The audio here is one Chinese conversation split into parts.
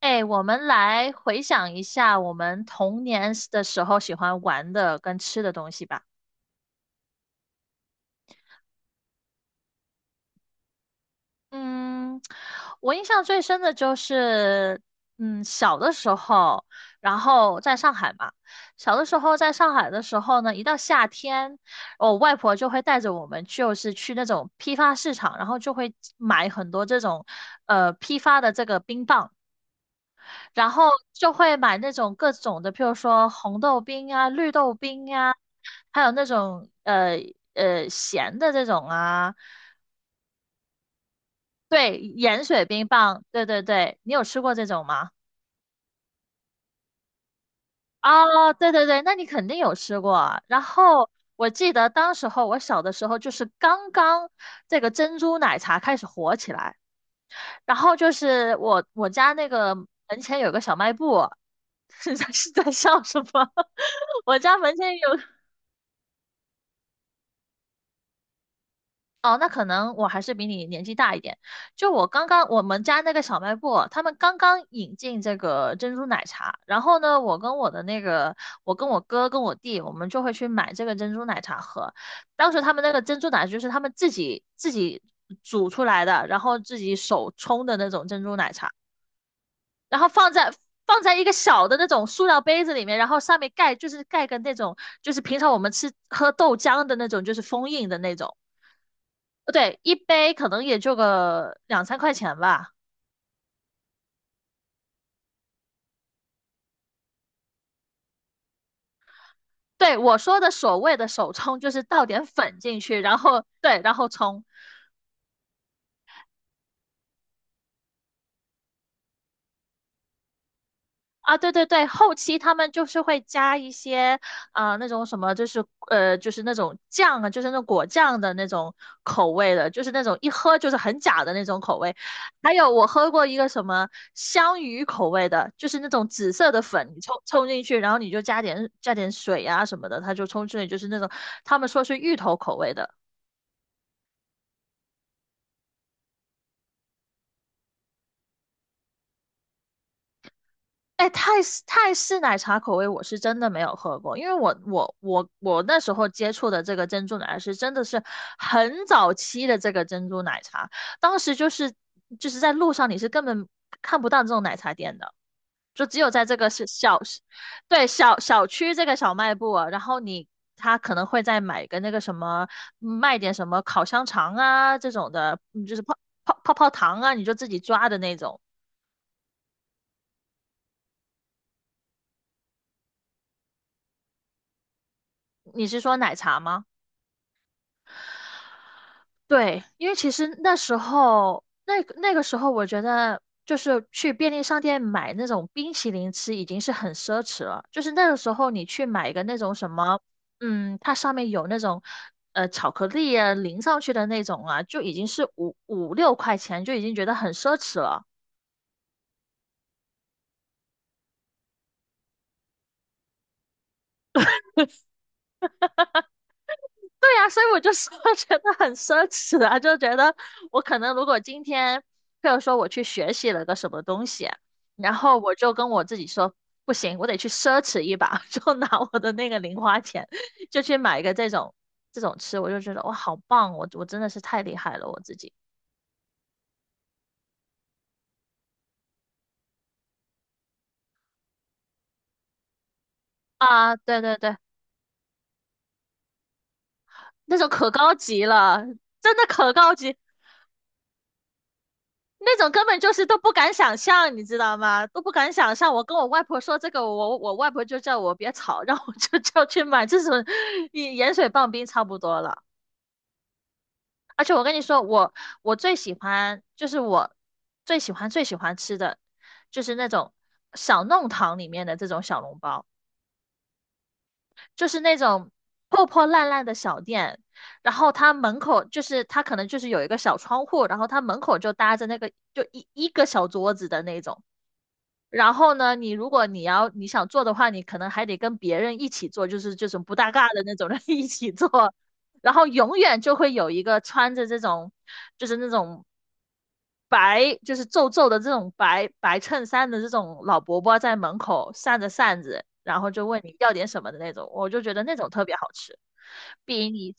哎，我们来回想一下我们童年的时候喜欢玩的跟吃的东西吧。嗯，我印象最深的就是，小的时候，然后在上海嘛，小的时候在上海的时候呢，一到夏天，我外婆就会带着我们，就是去那种批发市场，然后就会买很多这种，批发的这个冰棒，然后就会买那种各种的，譬如说红豆冰啊、绿豆冰啊。还有那种咸的这种啊，对，盐水冰棒，对对对，你有吃过这种吗？哦，对对对，那你肯定有吃过啊。然后我记得当时候我小的时候，就是刚刚这个珍珠奶茶开始火起来，然后就是我家那个门前有个小卖部，是在笑什么？我家门前有哦，那可能我还是比你年纪大一点。就我刚刚我们家那个小卖部，他们刚刚引进这个珍珠奶茶，然后呢，我跟我哥跟我弟，我们就会去买这个珍珠奶茶喝。当时他们那个珍珠奶茶就是他们自己煮出来的，然后自己手冲的那种珍珠奶茶，然后放在一个小的那种塑料杯子里面，然后上面盖就是盖个那种就是平常我们吃喝豆浆的那种，就是封印的那种。对，一杯可能也就个两三块钱吧。对，我说的所谓的手冲，就是倒点粉进去，然后对，然后冲。啊，对对对，后期他们就是会加一些，那种什么，就是就是那种酱啊，就是那种果酱的那种口味的，就是那种一喝就是很假的那种口味。还有我喝过一个什么香芋口味的，就是那种紫色的粉，你冲进去，然后你就加点水啊什么的，它就冲出来，就是那种他们说是芋头口味的。哎，泰式奶茶口味我是真的没有喝过，因为我那时候接触的这个珍珠奶茶是真的是很早期的这个珍珠奶茶，当时就是在路上你是根本看不到这种奶茶店的，就只有在这个是小，对小区这个小卖部啊然后你他可能会再买个那个什么卖点什么烤香肠啊这种的，嗯就是泡泡糖啊，你就自己抓的那种。你是说奶茶吗？对，因为其实那时候，那个时候，我觉得就是去便利商店买那种冰淇淋吃已经是很奢侈了。就是那个时候，你去买一个那种什么，它上面有那种巧克力啊淋上去的那种啊，就已经是五五六块钱，就已经觉得很奢侈了。对呀、所以我就说 觉得很奢侈啊，就觉得我可能如果今天，譬如说我去学习了个什么东西，然后我就跟我自己说，不行，我得去奢侈一把，就拿我的那个零花钱，就去买一个这种吃，我就觉得哇，好棒，我真的是太厉害了，我自己啊，对对对，那种可高级了，真的可高级，那种根本就是都不敢想象，你知道吗？都不敢想象。我跟我外婆说这个，我外婆就叫我别吵，让我就叫去买这种盐水棒冰差不多了。而且我跟你说，我最喜欢就是我最喜欢最喜欢吃的就是那种小弄堂里面的这种小笼包，就是那种破破烂烂的小店，然后它门口就是它可能就是有一个小窗户，然后它门口就搭着那个就一个小桌子的那种。然后呢，你如果你要你想做的话，你可能还得跟别人一起做，就是这种不搭嘎的那种人 一起做，然后永远就会有一个穿着这种，就是那种白，就是皱皱的这种白白衬衫的这种老伯伯在门口扇着扇子，然后就问你要点什么的那种，我就觉得那种特别好吃，比你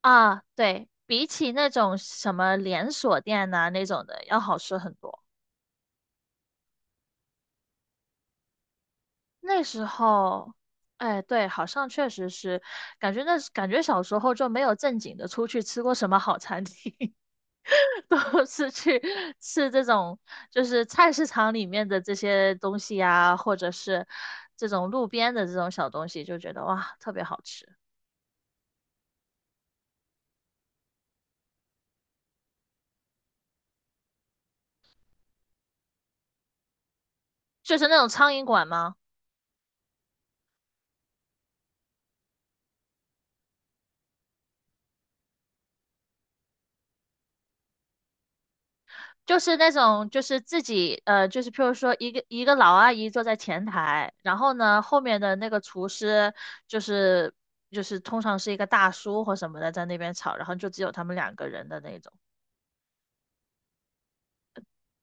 啊，对，比起那种什么连锁店呐、那种的要好吃很多。那时候，哎，对，好像确实是，感觉小时候就没有正经的出去吃过什么好餐厅，都是去吃这种就是菜市场里面的这些东西呀、或者是这种路边的这种小东西，就觉得哇，特别好吃。就是那种苍蝇馆吗？就是那种，就是自己，就是譬如说一个老阿姨坐在前台，然后呢，后面的那个厨师就是就是通常是一个大叔或什么的在那边炒，然后就只有他们两个人的那种。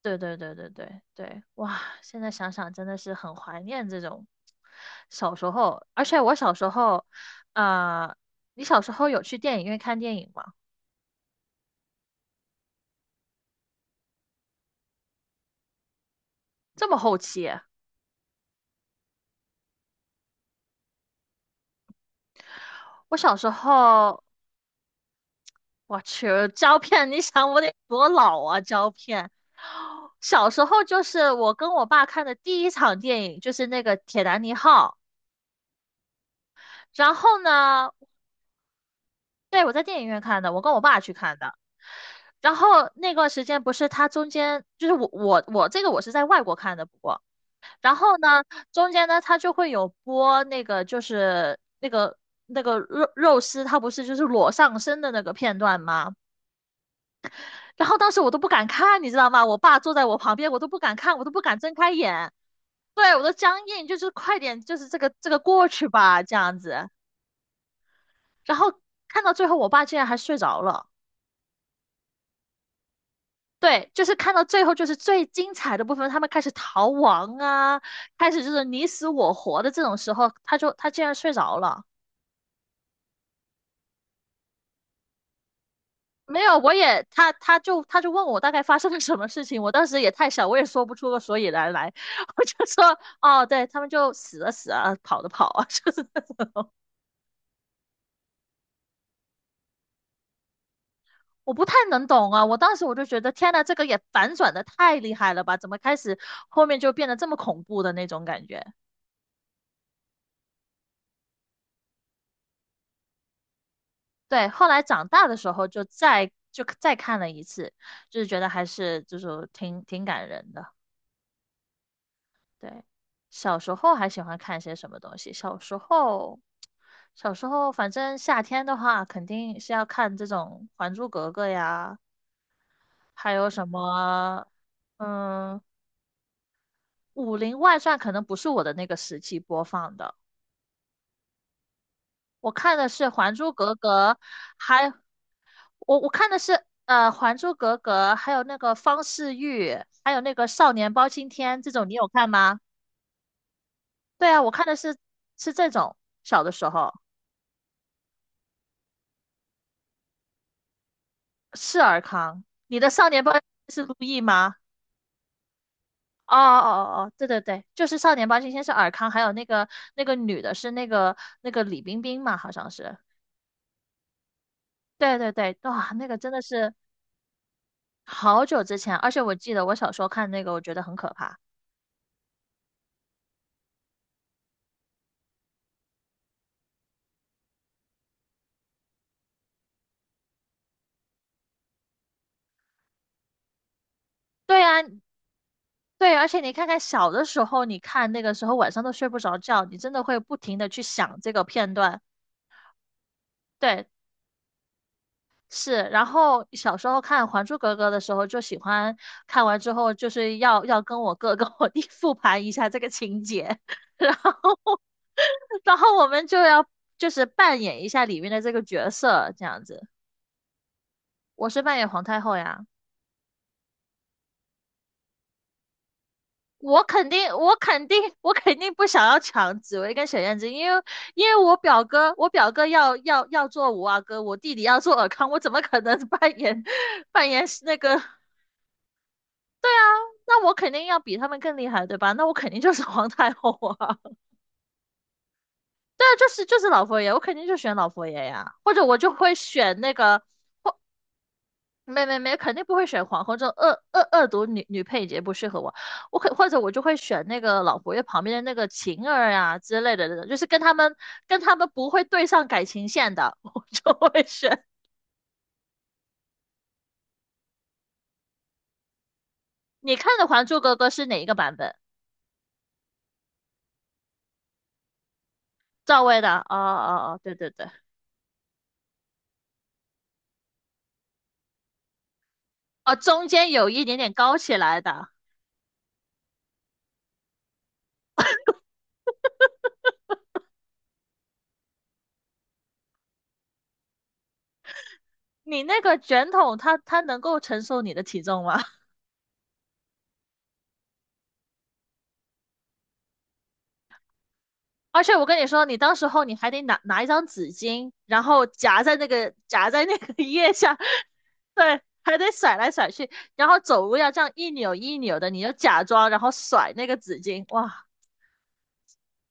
对对对对对对，哇，现在想想真的是很怀念这种小时候，而且我小时候，呃，你小时候有去电影院看电影吗？这么后期啊？我小时候，我去，胶片，你想我得多老啊？胶片，小时候就是我跟我爸看的第一场电影，就是那个《铁达尼号》。然后呢，对，我在电影院看的，我跟我爸去看的。然后那段时间不是它中间就是我我我这个我是在外国看的，不过然后呢，中间呢它就会有播那个就是那个肉丝，它不是就是裸上身的那个片段吗？然后当时我都不敢看，你知道吗？我爸坐在我旁边，我都不敢看，我都不敢睁开眼。对，我都僵硬，就是快点，就是这个过去吧，这样子。然后看到最后，我爸竟然还睡着了。对，就是看到最后，就是最精彩的部分，他们开始逃亡啊，开始就是你死我活的这种时候，他竟然睡着了。没有，他就问我大概发生了什么事情，我当时也太小，我也说不出个所以然来，我就说哦，对他们就死了死啊，跑的跑啊，就是我不太能懂啊，我当时我就觉得天呐，这个也反转的太厉害了吧，怎么开始后面就变得这么恐怖的那种感觉？对，后来长大的时候就再看了一次，就是觉得还是就是挺感人的。对，小时候还喜欢看些什么东西？小时候，小时候反正夏天的话，肯定是要看这种《还珠格格》呀，还有什么，嗯，《武林外传》可能不是我的那个时期播放的，我看的是《还珠格格》，还我看的是《还珠格格》，还有那个方世玉，还有那个《少年包青天》这种，你有看吗？对啊，我看的是是这种，小的时候。是尔康，你的少年包青天是陆毅吗？哦哦哦哦，对对对，就是少年包青天是尔康，还有那个那个女的是那个李冰冰嘛，好像是。对对对，哇，那个真的是好久之前，而且我记得我小时候看那个，我觉得很可怕。对啊，对，而且你看看小的时候，你看那个时候晚上都睡不着觉，你真的会不停的去想这个片段。对，是，然后小时候看《还珠格格》的时候，就喜欢看完之后就是要跟我哥 跟我弟复盘一下这个情节，然后然后我们就要就是扮演一下里面的这个角色，这样子。我是扮演皇太后呀，我肯定不想要抢紫薇跟小燕子，因为我表哥要做五阿哥，我弟弟要做尔康，我怎么可能扮演 扮演那个那我肯定要比他们更厉害，对吧？那我肯定就是 皇太后啊！对啊就是老佛爷，我肯定就选老佛爷呀，或者我就会选那个，没，肯定不会选皇后，这种恶毒女配角不适合我。我可或者我就会选那个老佛爷旁边的那个晴儿呀之类的，就是跟他们不会对上感情线的，我就会选。你看的《还珠格格》是哪一个版本？赵薇的？哦哦哦，对对对，哦，中间有一点点高起来的。你那个卷筒它，它能够承受你的体重吗？而且我跟你说，你当时候你还得拿一张纸巾，然后夹在那个夹在那个腋下，对，还得甩来甩去，然后走路要这样一扭一扭的，你就假装然后甩那个纸巾，哇，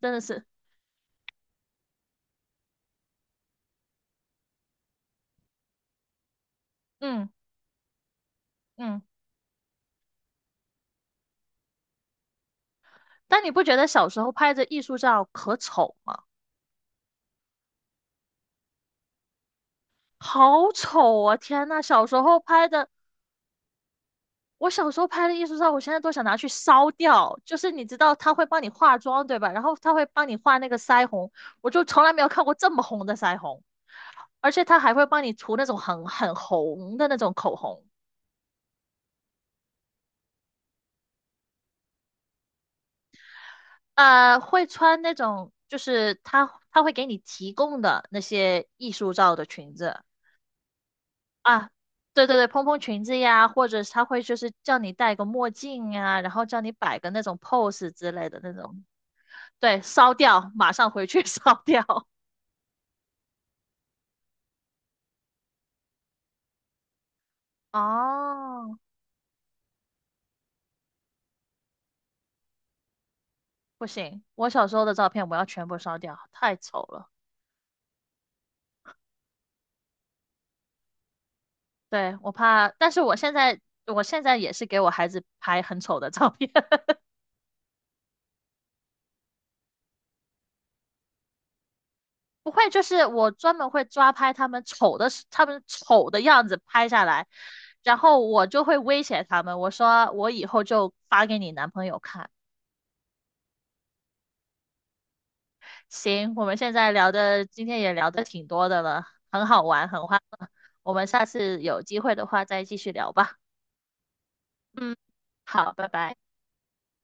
真的是，嗯嗯。但你不觉得小时候拍的艺术照可丑吗？好丑啊！天呐，小时候拍的我小时候拍的艺术照，我现在都想拿去烧掉。就是你知道他会帮你化妆，对吧？然后他会帮你画那个腮红，我就从来没有看过这么红的腮红，而且他还会帮你涂那种很红的那种口红，呃，会穿那种就是他会给你提供的那些艺术照的裙子啊，对对对，蓬蓬裙子呀，或者是他会就是叫你戴个墨镜呀，然后叫你摆个那种 pose 之类的那种。对，烧掉，马上回去 烧掉。哦，不行，我小时候的照片我要全部烧掉，太丑了。对，我怕，但是我现在，我现在也是给我孩子拍很丑的照片，不会，就是我专门会抓拍他们丑的时他们丑的样子拍下来，然后我就会威胁他们，我说我以后就发给你男朋友看。行，我们现在聊的，今天也聊的挺多的了，很好玩，很欢乐。我们下次有机会的话再继续聊吧。嗯，好，拜拜。